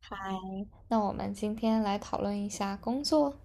嗨，那我们今天来讨论一下工作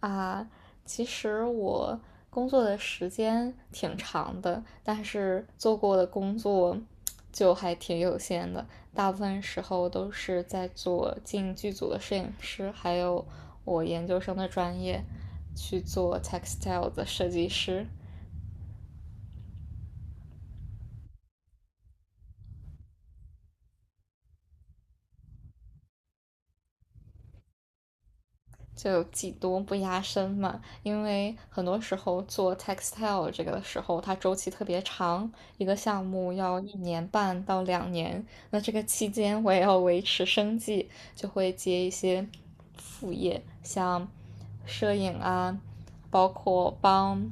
啊。其实我工作的时间挺长的，但是做过的工作就还挺有限的，大部分时候都是在做进剧组的摄影师，还有我研究生的专业去做 textile 的设计师。就技多不压身嘛，因为很多时候做 textile 这个的时候，它周期特别长，一个项目要1年半到2年，那这个期间我也要维持生计，就会接一些副业，像摄影啊，包括帮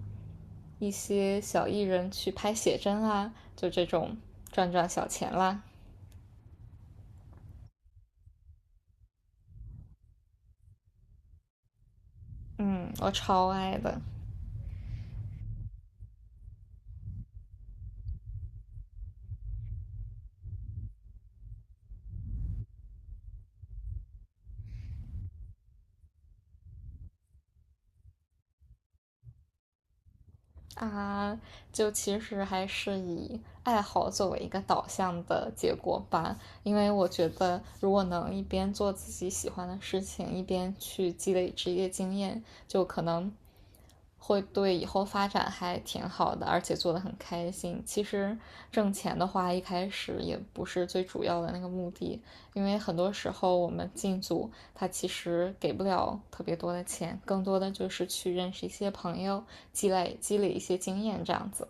一些小艺人去拍写真啊，就这种赚赚小钱啦。嗯，我超爱的。啊，就其实还是以爱好作为一个导向的结果吧，因为我觉得如果能一边做自己喜欢的事情，一边去积累职业经验，就可能会对以后发展还挺好的，而且做得很开心。其实挣钱的话，一开始也不是最主要的那个目的，因为很多时候我们进组，他其实给不了特别多的钱，更多的就是去认识一些朋友，积累积累一些经验这样子。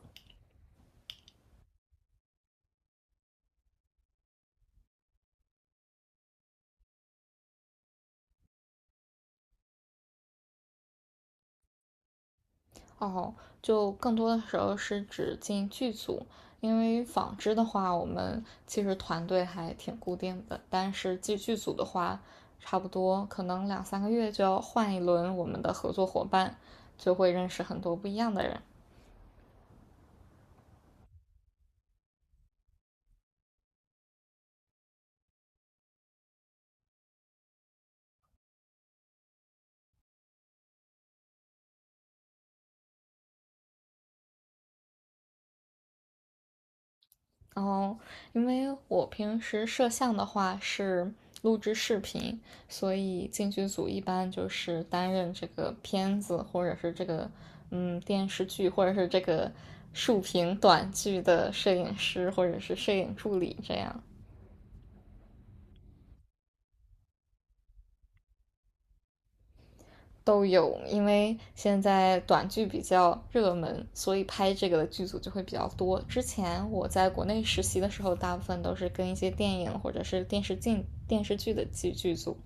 哦，就更多的时候是指进剧组，因为纺织的话，我们其实团队还挺固定的，但是进剧组的话，差不多可能两三个月就要换一轮我们的合作伙伴，就会认识很多不一样的人。然后，因为我平时摄像的话是录制视频，所以进剧组一般就是担任这个片子或者是这个电视剧或者是这个竖屏短剧的摄影师或者是摄影助理这样都有。因为现在短剧比较热门，所以拍这个的剧组就会比较多。之前我在国内实习的时候，大部分都是跟一些电影或者是电视剧的剧组。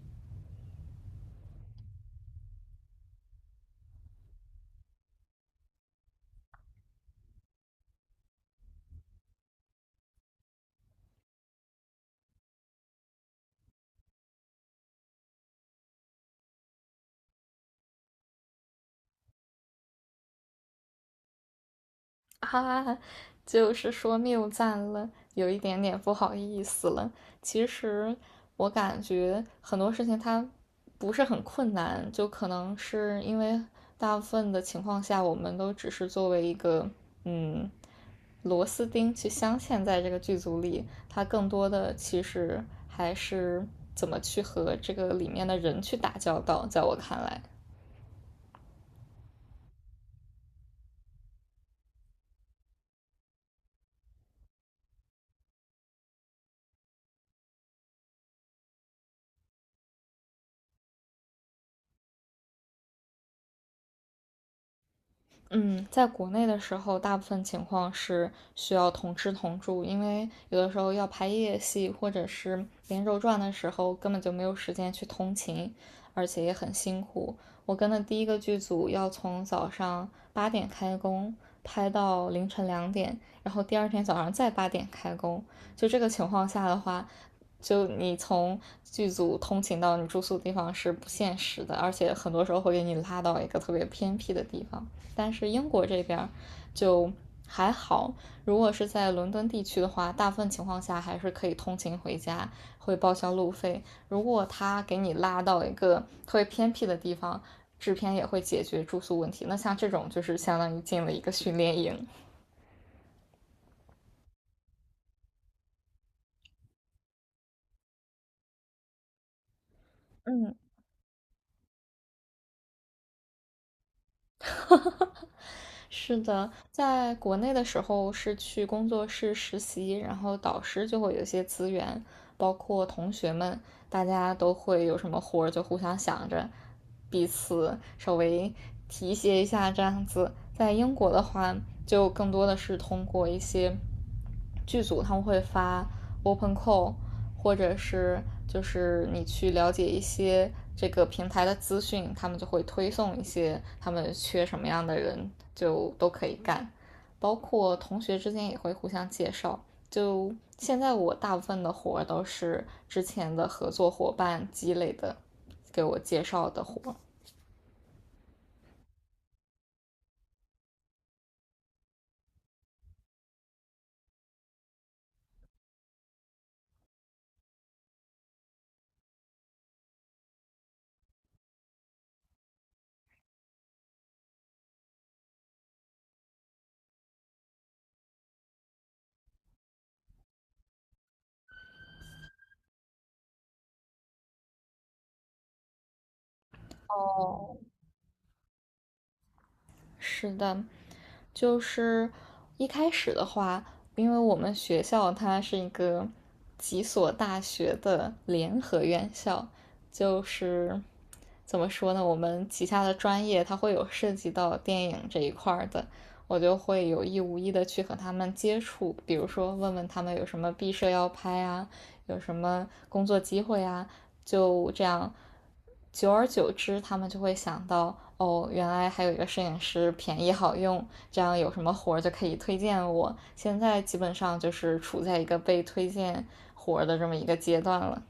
哈哈哈，就是说谬赞了，有一点点不好意思了。其实我感觉很多事情它不是很困难，就可能是因为大部分的情况下，我们都只是作为一个嗯螺丝钉去镶嵌在这个剧组里，它更多的其实还是怎么去和这个里面的人去打交道，在我看来。嗯，在国内的时候，大部分情况是需要同吃同住，因为有的时候要拍夜戏或者是连轴转的时候，根本就没有时间去通勤，而且也很辛苦。我跟的第一个剧组要从早上八点开工，拍到凌晨2点，然后第二天早上再八点开工。就这个情况下的话，就你从剧组通勤到你住宿的地方是不现实的，而且很多时候会给你拉到一个特别偏僻的地方。但是英国这边就还好，如果是在伦敦地区的话，大部分情况下还是可以通勤回家，会报销路费。如果他给你拉到一个特别偏僻的地方，制片也会解决住宿问题。那像这种就是相当于进了一个训练营。嗯，是的，在国内的时候是去工作室实习，然后导师就会有一些资源，包括同学们，大家都会有什么活儿就互相想着，彼此稍微提携一下这样子。在英国的话，就更多的是通过一些剧组，他们会发 open call，或者是就是你去了解一些这个平台的资讯，他们就会推送一些他们缺什么样的人，就都可以干。包括同学之间也会互相介绍。就现在我大部分的活都是之前的合作伙伴积累的，给我介绍的活。哦，是的，就是一开始的话，因为我们学校它是一个几所大学的联合院校，就是怎么说呢，我们旗下的专业它会有涉及到电影这一块的，我就会有意无意的去和他们接触，比如说问问他们有什么毕设要拍啊，有什么工作机会啊，就这样，久而久之，他们就会想到，哦，原来还有一个摄影师便宜好用，这样有什么活就可以推荐我。现在基本上就是处在一个被推荐活的这么一个阶段了。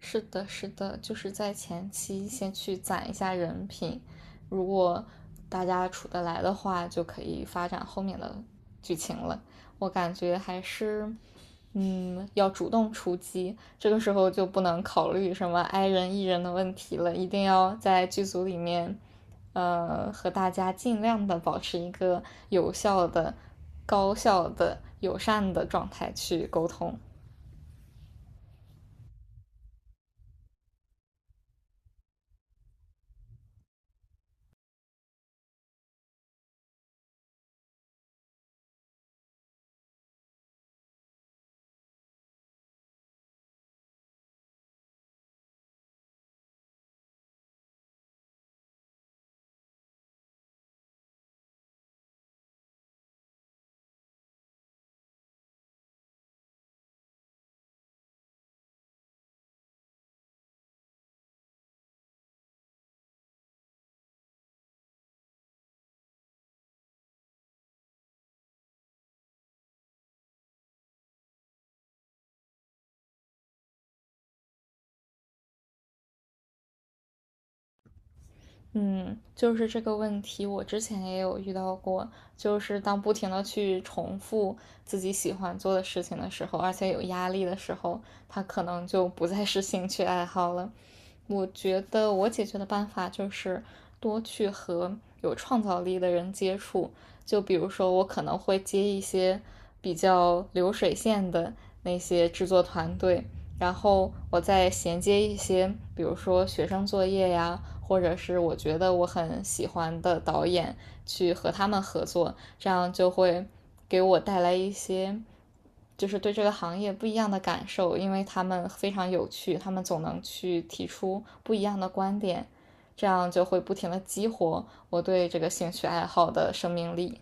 是的，是的，就是在前期先去攒一下人品，如果大家处得来的话，就可以发展后面的剧情了。我感觉还是，要主动出击，这个时候就不能考虑什么 i 人 e 人的问题了，一定要在剧组里面，和大家尽量的保持一个有效的、高效的、友善的状态去沟通。嗯，就是这个问题，我之前也有遇到过。就是当不停的去重复自己喜欢做的事情的时候，而且有压力的时候，它可能就不再是兴趣爱好了。我觉得我解决的办法就是多去和有创造力的人接触。就比如说，我可能会接一些比较流水线的那些制作团队，然后我再衔接一些，比如说学生作业呀，或者是我觉得我很喜欢的导演去和他们合作，这样就会给我带来一些就是对这个行业不一样的感受，因为他们非常有趣，他们总能去提出不一样的观点，这样就会不停的激活我对这个兴趣爱好的生命力。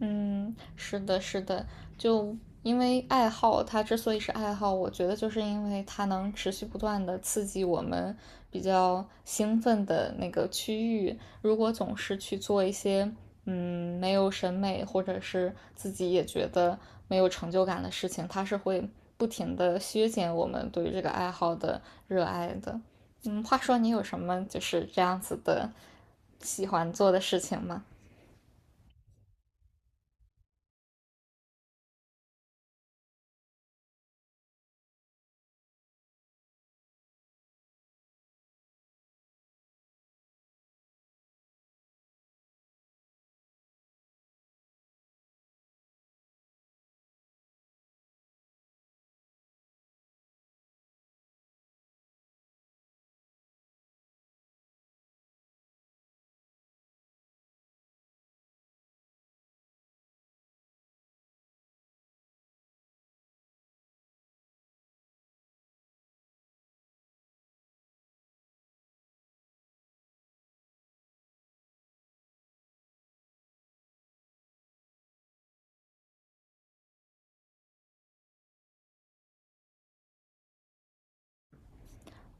嗯，是的，是的，就因为爱好，它之所以是爱好，我觉得就是因为它能持续不断的刺激我们比较兴奋的那个区域。如果总是去做一些没有审美或者是自己也觉得没有成就感的事情，它是会不停的削减我们对于这个爱好的热爱的。话说你有什么就是这样子的喜欢做的事情吗？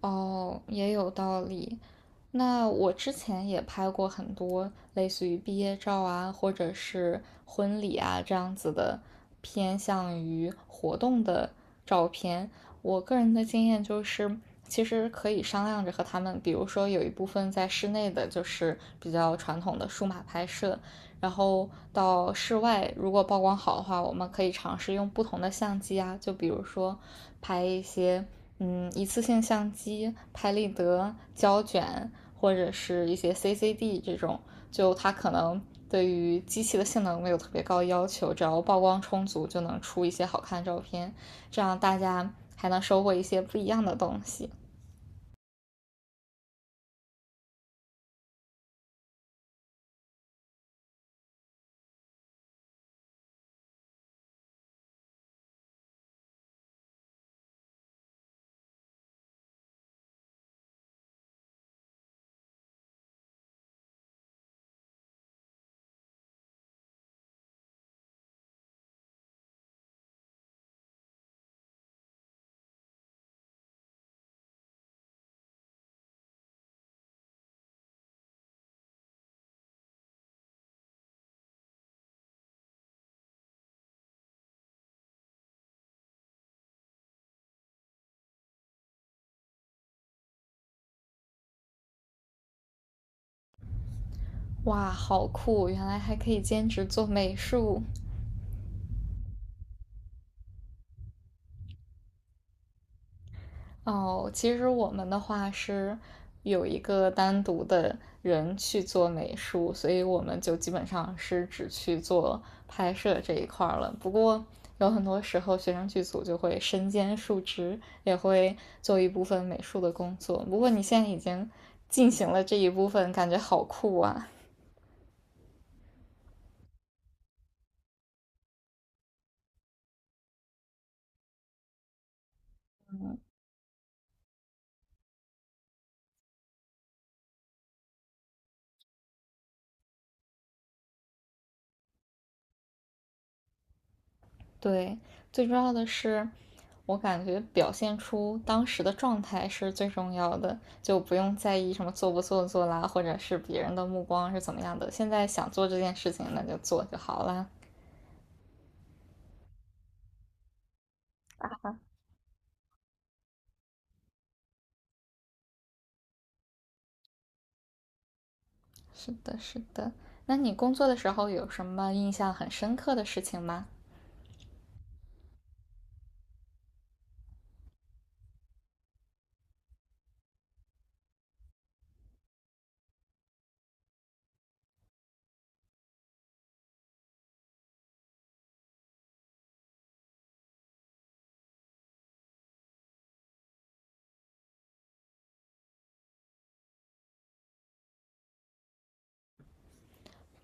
哦，也有道理。那我之前也拍过很多类似于毕业照啊，或者是婚礼啊这样子的，偏向于活动的照片。我个人的经验就是，其实可以商量着和他们，比如说有一部分在室内的，就是比较传统的数码拍摄，然后到室外，如果曝光好的话，我们可以尝试用不同的相机啊，就比如说拍一些一次性相机、拍立得、胶卷，或者是一些 CCD 这种，就它可能对于机器的性能没有特别高要求，只要曝光充足就能出一些好看的照片，这样大家还能收获一些不一样的东西。哇，好酷！原来还可以兼职做美术。哦，其实我们的话是有一个单独的人去做美术，所以我们就基本上是只去做拍摄这一块了。不过有很多时候，学生剧组就会身兼数职，也会做一部分美术的工作。不过你现在已经进行了这一部分，感觉好酷啊！对，最重要的是，我感觉表现出当时的状态是最重要的，就不用在意什么做不做作啦，或者是别人的目光是怎么样的。现在想做这件事情，那就做就好啦。是的，是的。那你工作的时候有什么印象很深刻的事情吗？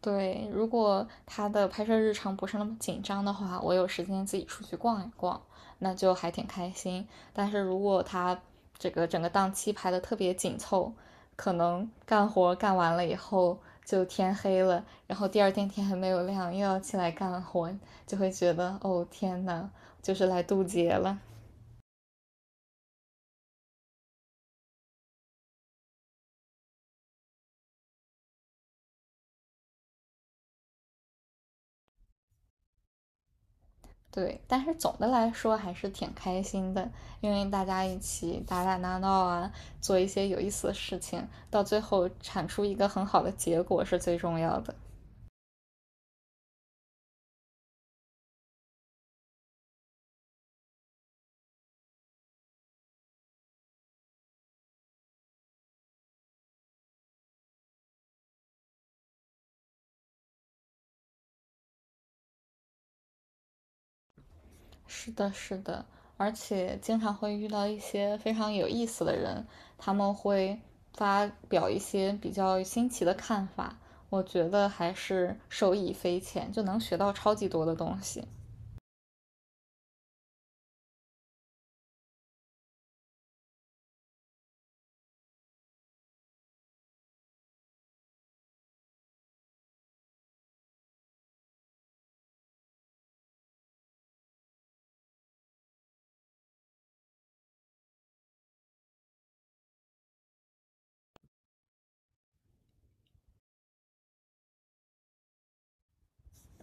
对，如果他的拍摄日常不是那么紧张的话，我有时间自己出去逛一逛，那就还挺开心。但是如果他这个整个档期排的特别紧凑，可能干活干完了以后就天黑了，然后第二天天还没有亮，又要起来干活，就会觉得哦天呐，就是来渡劫了。对，但是总的来说还是挺开心的，因为大家一起打打闹闹啊，做一些有意思的事情，到最后产出一个很好的结果是最重要的。是的，是的，而且经常会遇到一些非常有意思的人，他们会发表一些比较新奇的看法，我觉得还是受益匪浅，就能学到超级多的东西。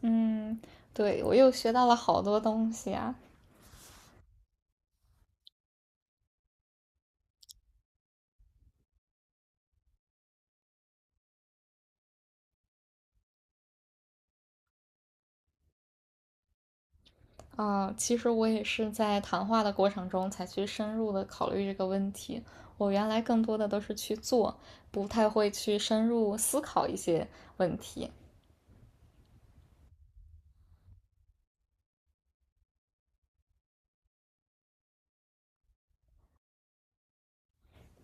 嗯，对，我又学到了好多东西啊。啊，其实我也是在谈话的过程中才去深入的考虑这个问题。我原来更多的都是去做，不太会去深入思考一些问题。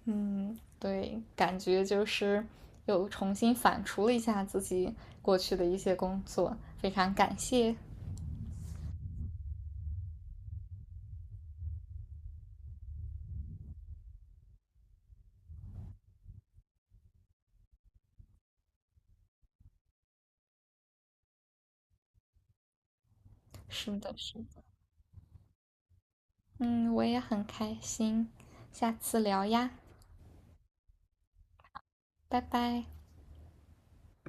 嗯，对，感觉就是又重新反刍了一下自己过去的一些工作，非常感谢。是的，是的，嗯，我也很开心，下次聊呀，拜拜。